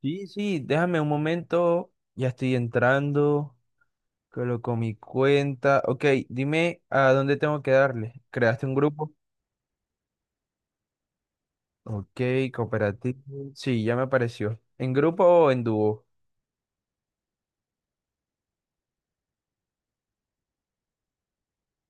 Sí, sí, déjame un momento, ya estoy entrando, coloco mi cuenta. Ok, dime a dónde tengo que darle. ¿Creaste un grupo? Ok, cooperativo. Sí, ya me apareció. ¿En grupo o en dúo?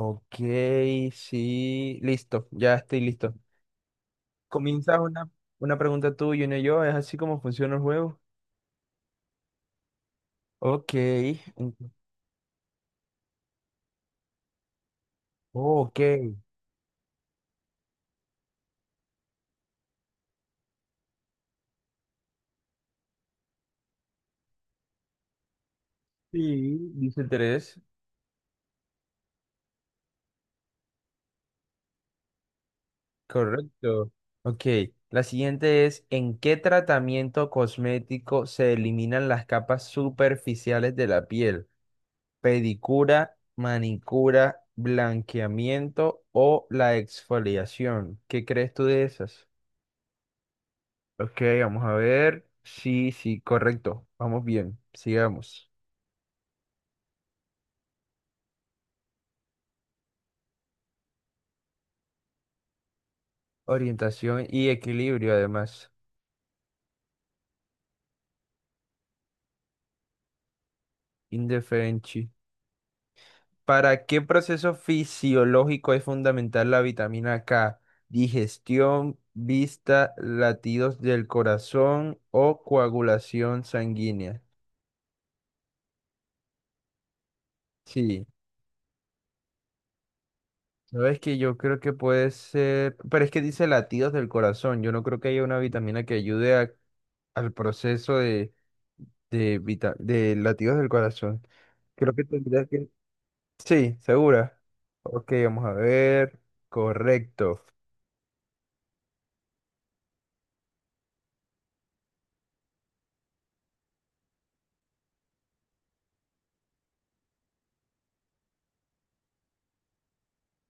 Ok, sí, listo, ya estoy listo. Comienza una pregunta tú y una yo, ¿es así como funciona el juego? Ok, oh, ok. Sí, dice tres. Correcto. Ok, la siguiente es, ¿en qué tratamiento cosmético se eliminan las capas superficiales de la piel? ¿Pedicura, manicura, blanqueamiento o la exfoliación? ¿Qué crees tú de esas? Ok, vamos a ver. Sí, sí, correcto. Vamos bien, sigamos. Orientación y equilibrio, además. Indefensi. ¿Para qué proceso fisiológico es fundamental la vitamina K? Digestión, vista, latidos del corazón o coagulación sanguínea. Sí, sabes que yo creo que puede ser, pero es que dice latidos del corazón. Yo no creo que haya una vitamina que ayude al proceso de latidos del corazón. Creo que tendría que... Sí, segura. Ok, vamos a ver. Correcto.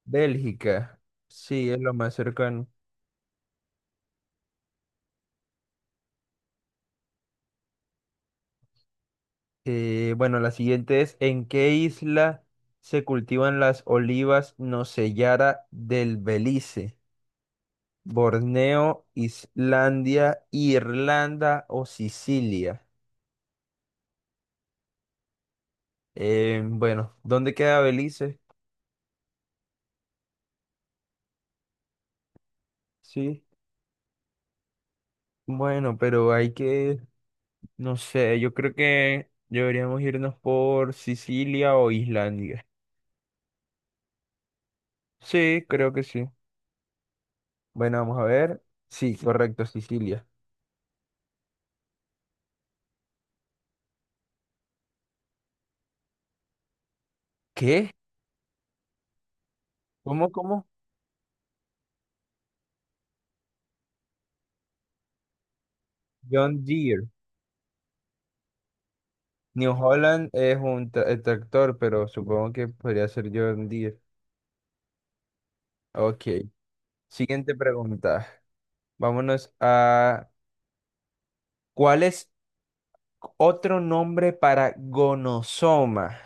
Bélgica. Sí, es lo más cercano. Bueno, la siguiente es, ¿en qué isla se cultivan las olivas Nocellera del Belice? ¿Borneo, Islandia, Irlanda o Sicilia? Bueno, ¿dónde queda Belice? Sí. Bueno, pero hay que, no sé, yo creo que deberíamos irnos por Sicilia o Islandia. Sí, creo que sí. Bueno, vamos a ver. Sí, correcto, Sicilia. ¿Qué? ¿Cómo, cómo? John Deere. New Holland es un el tractor, pero supongo que podría ser John Deere. Ok. Siguiente pregunta. Vámonos a... ¿Cuál es otro nombre para gonosoma?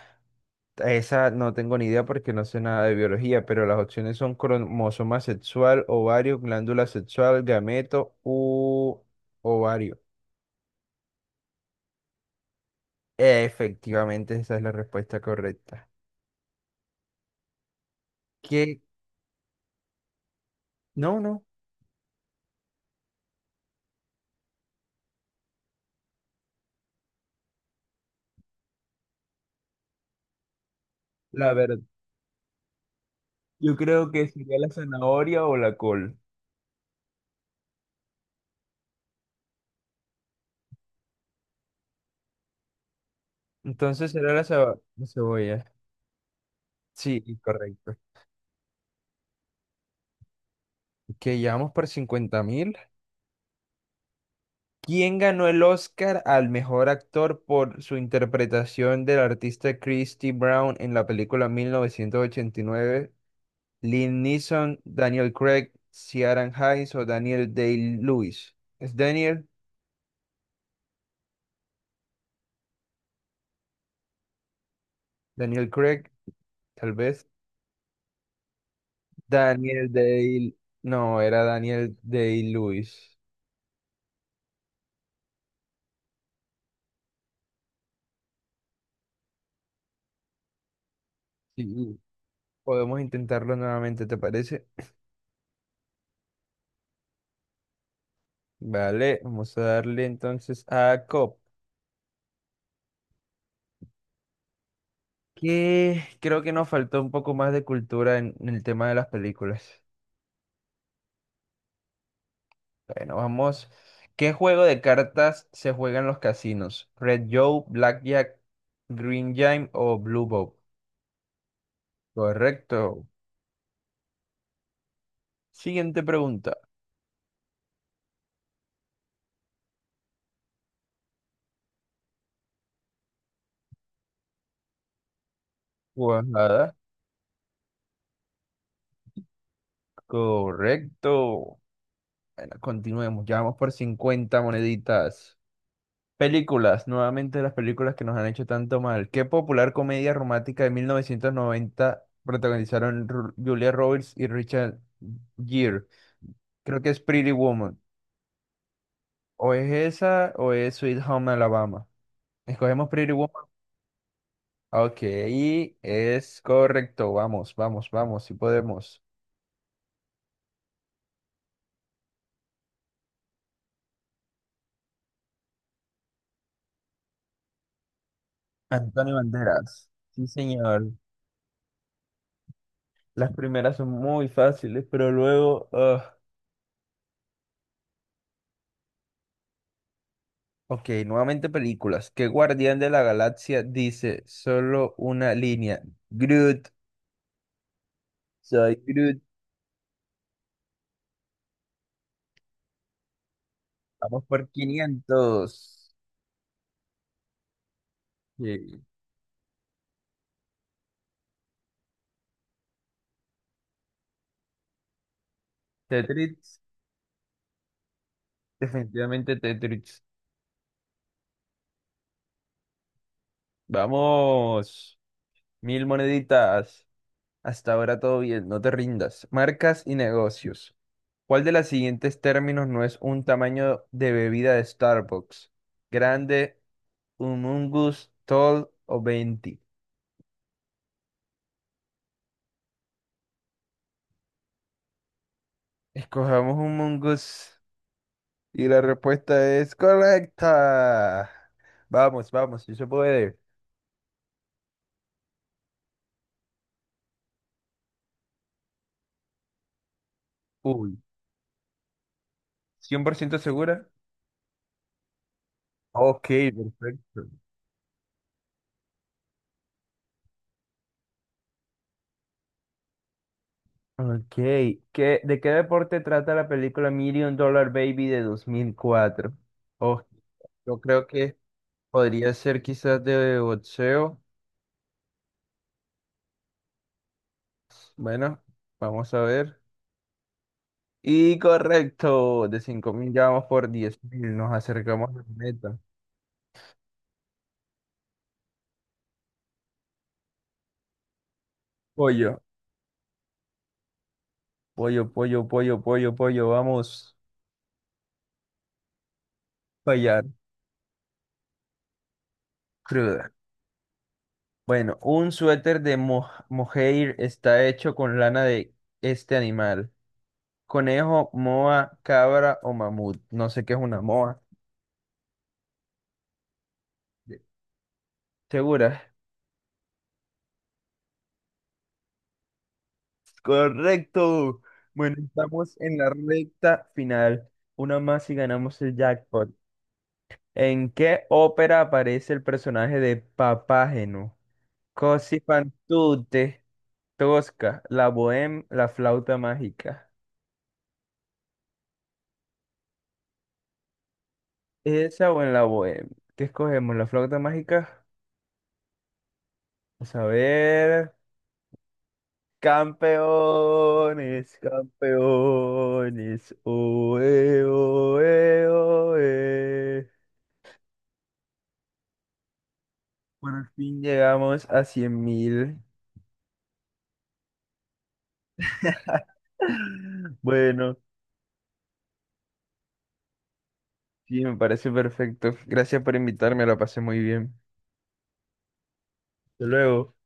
Esa no tengo ni idea porque no sé nada de biología, pero las opciones son cromosoma sexual, ovario, glándula sexual, gameto u ovario. Efectivamente, esa es la respuesta correcta. ¿Qué? No, no. La verdad. Yo creo que sería la zanahoria o la col. Entonces será la cebolla. Sí, correcto. Que llevamos por 50.000. ¿Quién ganó el Oscar al mejor actor por su interpretación del artista Christy Brown en la película 1989? Lynn Neeson, Daniel Craig, Ciaran Hayes o Daniel Day-Lewis. ¿Es Daniel? ¿Daniel Craig? Tal vez. Daniel Day... No, era Daniel Day-Lewis. Sí. Podemos intentarlo nuevamente, ¿te parece? Vale, vamos a darle entonces a Cop, que creo que nos faltó un poco más de cultura en el tema de las películas. Bueno, vamos. ¿Qué juego de cartas se juega en los casinos? ¿Red Joe, Blackjack, Green Jam o Blue Bob? Correcto. Siguiente pregunta. Cuajada. Correcto. Bueno, continuemos. Ya vamos por 50 moneditas. Películas, nuevamente las películas que nos han hecho tanto mal. ¿Qué popular comedia romántica de 1990 protagonizaron Julia Roberts y Richard Gere? Creo que es Pretty Woman. O es esa o es Sweet Home Alabama. Escogemos Pretty Woman. Ok, es correcto. Vamos, vamos, vamos, si podemos. Antonio Banderas. Sí, señor. Las primeras son muy fáciles, pero luego, ah. Ok, nuevamente películas. ¿Qué guardián de la galaxia dice solo una línea? Groot, soy Groot. Vamos por 500. Sí. Tetris, definitivamente Tetris. Vamos, 1.000 moneditas. Hasta ahora todo bien, no te rindas. Marcas y negocios. ¿Cuál de los siguientes términos no es un tamaño de bebida de Starbucks? Grande, humongous, tall o venti. Escojamos humongous. Y la respuesta es correcta. Vamos, vamos, si se puede. Uy, ¿100% segura? Ok, perfecto. Ok, ¿de qué deporte trata la película Million Dollar Baby de 2004? Oh, yo creo que podría ser quizás de boxeo. Bueno, vamos a ver. Y correcto, de 5.000 ya vamos por 10.000, nos acercamos a la meta. Pollo, pollo, pollo, pollo, pollo, pollo, vamos. Fallar. Cruda. Bueno, un suéter de mohair está hecho con lana de este animal. Conejo, moa, cabra o mamut. No sé qué es una moa. ¿Segura? Correcto. Bueno, estamos en la recta final. Una más y ganamos el jackpot. ¿En qué ópera aparece el personaje de Papágeno? Così fan tutte, Tosca, La Bohème, La Flauta Mágica. ¿Esa o en la bohemia? ¿Qué escogemos? ¿La flauta mágica? Vamos a ver. Campeones, campeones. Oe, oe, oe. Por fin llegamos a 100.000. Bueno, sí, me parece perfecto. Gracias por invitarme, la pasé muy bien. Hasta luego.